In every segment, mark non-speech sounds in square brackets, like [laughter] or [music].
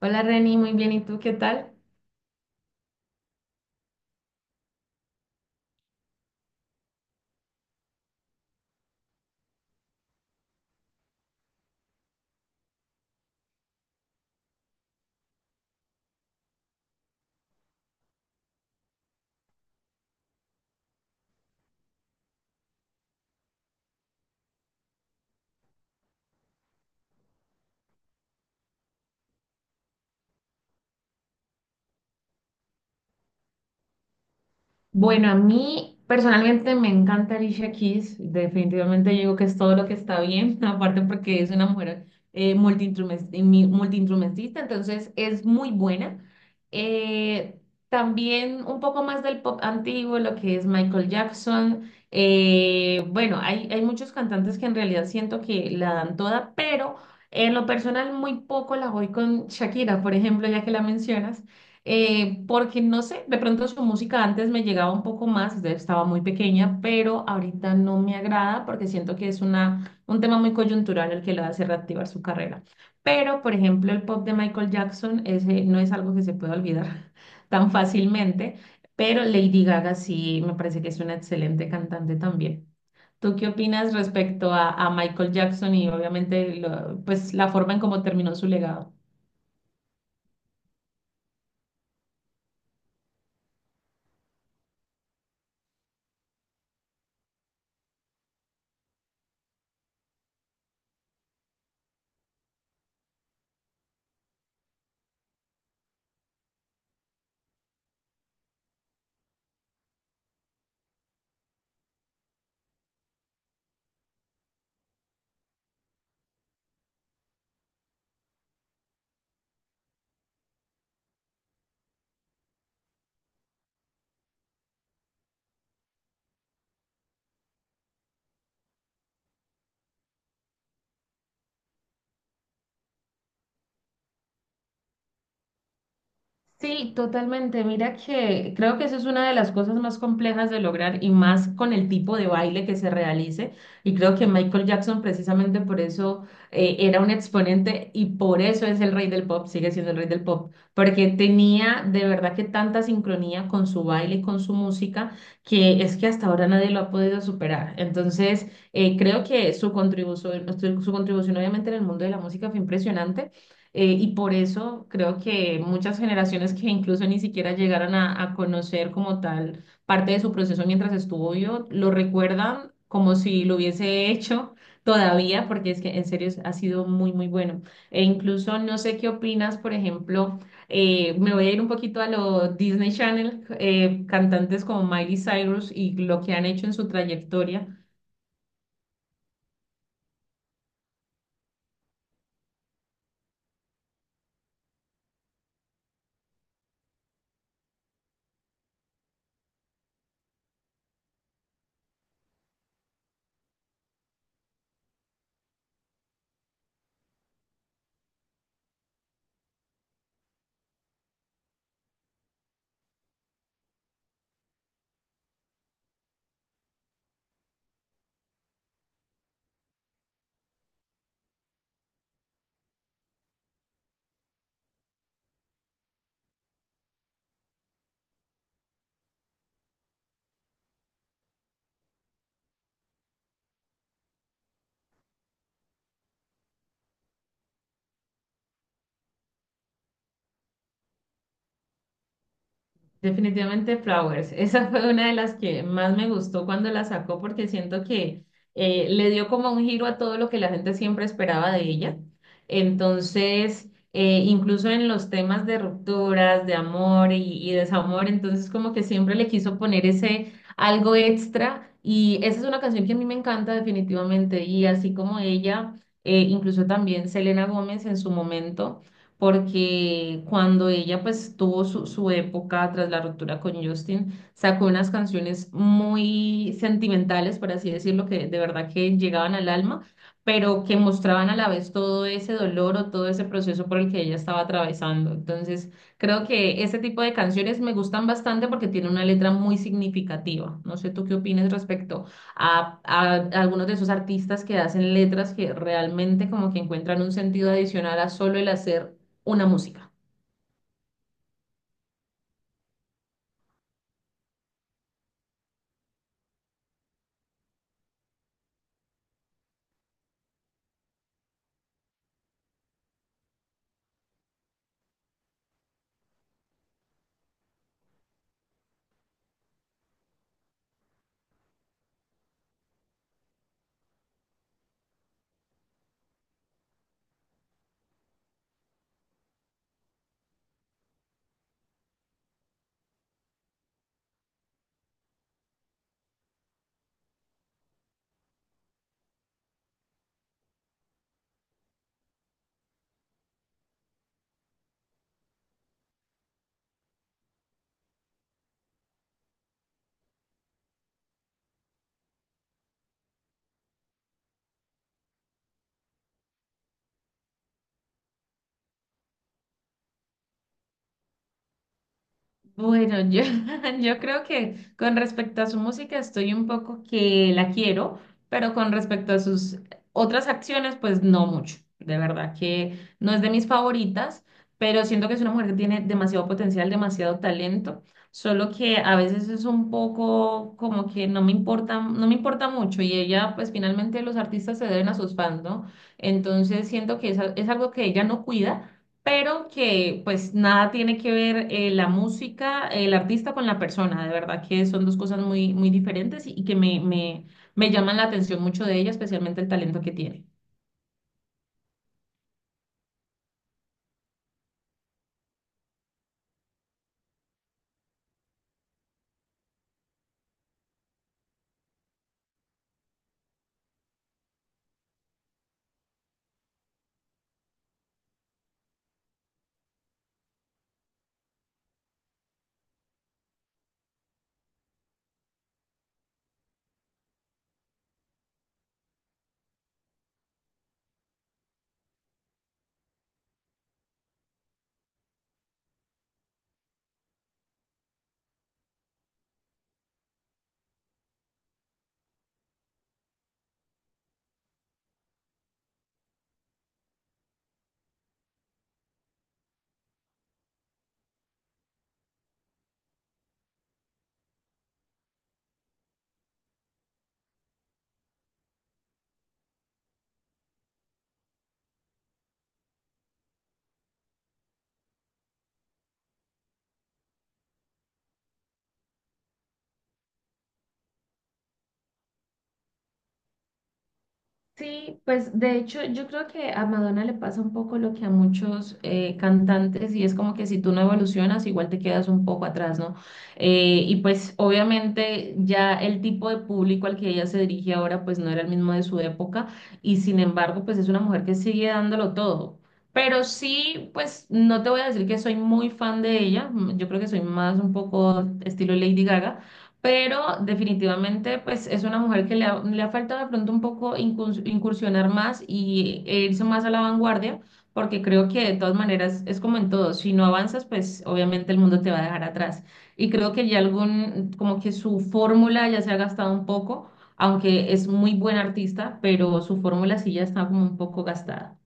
Hola Reni, muy bien. ¿Y tú qué tal? Bueno, a mí personalmente me encanta Alicia Keys. Definitivamente yo digo que es todo lo que está bien, [laughs] aparte porque es una mujer multiinstrumen- multiinstrumentista, entonces es muy buena. Eh, También un poco más del pop antiguo, lo que es Michael Jackson. Bueno, hay muchos cantantes que en realidad siento que la dan toda, pero en lo personal muy poco la voy con Shakira, por ejemplo, ya que la mencionas. Porque no sé, de pronto su música antes me llegaba un poco más, de- estaba muy pequeña, pero ahorita no me agrada porque siento que es un tema muy coyuntural el que le hace reactivar su carrera. Pero, por ejemplo, el pop de Michael Jackson ese no es algo que se pueda olvidar [laughs] tan fácilmente, pero Lady Gaga sí me parece que es una excelente cantante también. ¿Tú qué opinas respecto a Michael Jackson y obviamente lo- pues la forma en cómo terminó su legado? Sí, totalmente. Mira que creo que eso es una de las cosas más complejas de lograr y más con el tipo de baile que se realice. Y creo que Michael Jackson precisamente por eso era un exponente y por eso es el rey del pop, sigue siendo el rey del pop, porque tenía de verdad que tanta sincronía con su baile y con su música que es que hasta ahora nadie lo ha podido superar. Entonces, creo que su contribución obviamente en el mundo de la música fue impresionante, y por eso creo que muchas generaciones que incluso ni siquiera llegaron a conocer como tal parte de su proceso mientras estuvo vivo, lo recuerdan como si lo hubiese hecho [laughs] todavía, porque es que en serio es- ha sido muy, muy bueno. E incluso no sé qué opinas, por ejemplo, me voy a ir un poquito a lo Disney Channel, cantantes como Miley Cyrus y lo que han hecho en su trayectoria. Definitivamente Flowers. Esa fue una de las que más me gustó cuando la sacó porque siento que le dio como un giro a todo lo que la gente siempre esperaba de ella. Entonces, incluso en los temas de rupturas, de amor y desamor, entonces como que siempre le quiso poner ese algo extra. Y esa es una canción que a mí me encanta definitivamente. Y así como ella, incluso también Selena Gómez en su momento porque cuando ella pues tuvo su época tras la ruptura con Justin, sacó unas canciones muy sentimentales, por así decirlo, que de verdad que llegaban al alma, pero que mostraban a la vez todo ese dolor o todo ese proceso por el que ella estaba atravesando. Entonces, creo que ese tipo de canciones me gustan bastante porque tiene una letra muy significativa. No sé tú qué opinas respecto a algunos de esos artistas que hacen letras que realmente como que encuentran un sentido adicional a solo el hacer una música. Bueno, yo, [laughs] yo creo que con respecto a su música estoy un poco que la quiero, pero con respecto a sus otras acciones, pues no mucho. De verdad que no es de mis favoritas, pero siento que es una mujer que tiene demasiado potencial, demasiado talento, solo que a veces es un poco como que no me importa, no me importa mucho y ella, pues finalmente los artistas se deben a sus fans, ¿no? Entonces siento que es a- es algo que ella no cuida, pero que pues nada tiene que ver, la música, el artista con la persona, de verdad que son dos cosas muy, muy diferentes y que me llaman la atención mucho de ella, especialmente el talento que tiene. Sí, pues de hecho yo creo que a Madonna le pasa un poco lo que a muchos cantantes y es como que si tú no evolucionas igual te quedas un poco atrás, ¿no? Y pues obviamente ya el tipo de público al que ella se dirige ahora pues no era el mismo de su época y sin embargo pues es una mujer que sigue dándolo todo. Pero sí, pues no te voy a decir que soy muy fan de ella, yo creo que soy más un poco estilo Lady Gaga, pero definitivamente pues es una mujer que le ha faltado de pronto un poco incurs- incursionar más e irse más a la vanguardia, porque creo que de todas maneras es como en todo, si no avanzas pues obviamente el mundo te va a dejar atrás. Y creo que ya algún, como que su fórmula ya se ha gastado un poco, aunque es muy buena artista, pero su fórmula sí ya está como un poco gastada.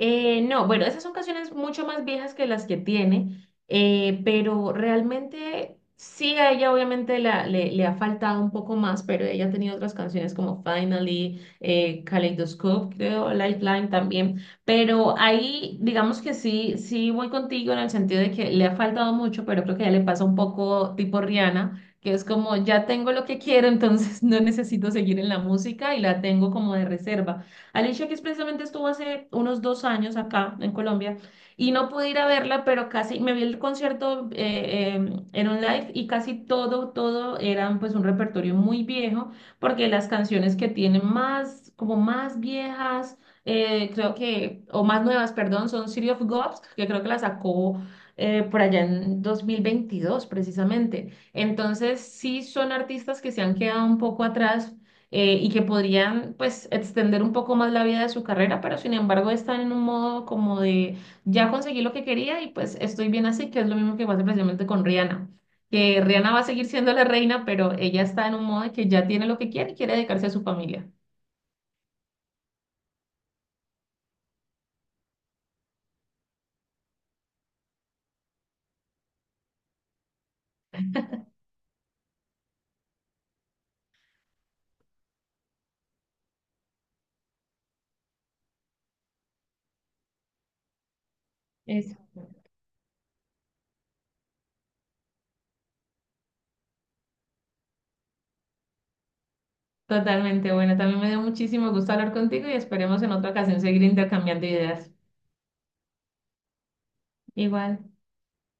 No, bueno, esas son canciones mucho más viejas que las que tiene, pero realmente sí a ella obviamente la- le ha faltado un poco más, pero ella ha tenido otras canciones como Finally, Kaleidoscope, creo, Lifeline también, pero ahí digamos que sí, sí voy contigo en el sentido de que le ha faltado mucho, pero creo que ya le pasa un poco tipo Rihanna, que es como ya tengo lo que quiero, entonces [laughs] no necesito seguir en la música y la tengo como de reserva. Alicia Keys precisamente estuvo hace unos 2 años acá en Colombia y no pude ir a verla, pero casi me vi el concierto en un live y casi todo eran pues un repertorio muy viejo, porque las canciones que tienen más, como más viejas, creo que, o más nuevas, perdón, son City of Gods, que creo que la sacó por allá en 2022 precisamente. Entonces, sí son artistas que se han quedado un poco atrás, y que podrían pues extender un poco más la vida de su carrera, pero sin embargo están en un modo como de ya conseguí lo que quería y pues estoy bien así, que es lo mismo que pasa precisamente con Rihanna, que Rihanna va a seguir siendo la reina, pero ella está en un modo de que ya tiene lo que quiere y quiere dedicarse a su familia. Exacto. Totalmente, bueno, también me dio muchísimo gusto hablar contigo y esperemos en otra ocasión seguir intercambiando ideas. Igual.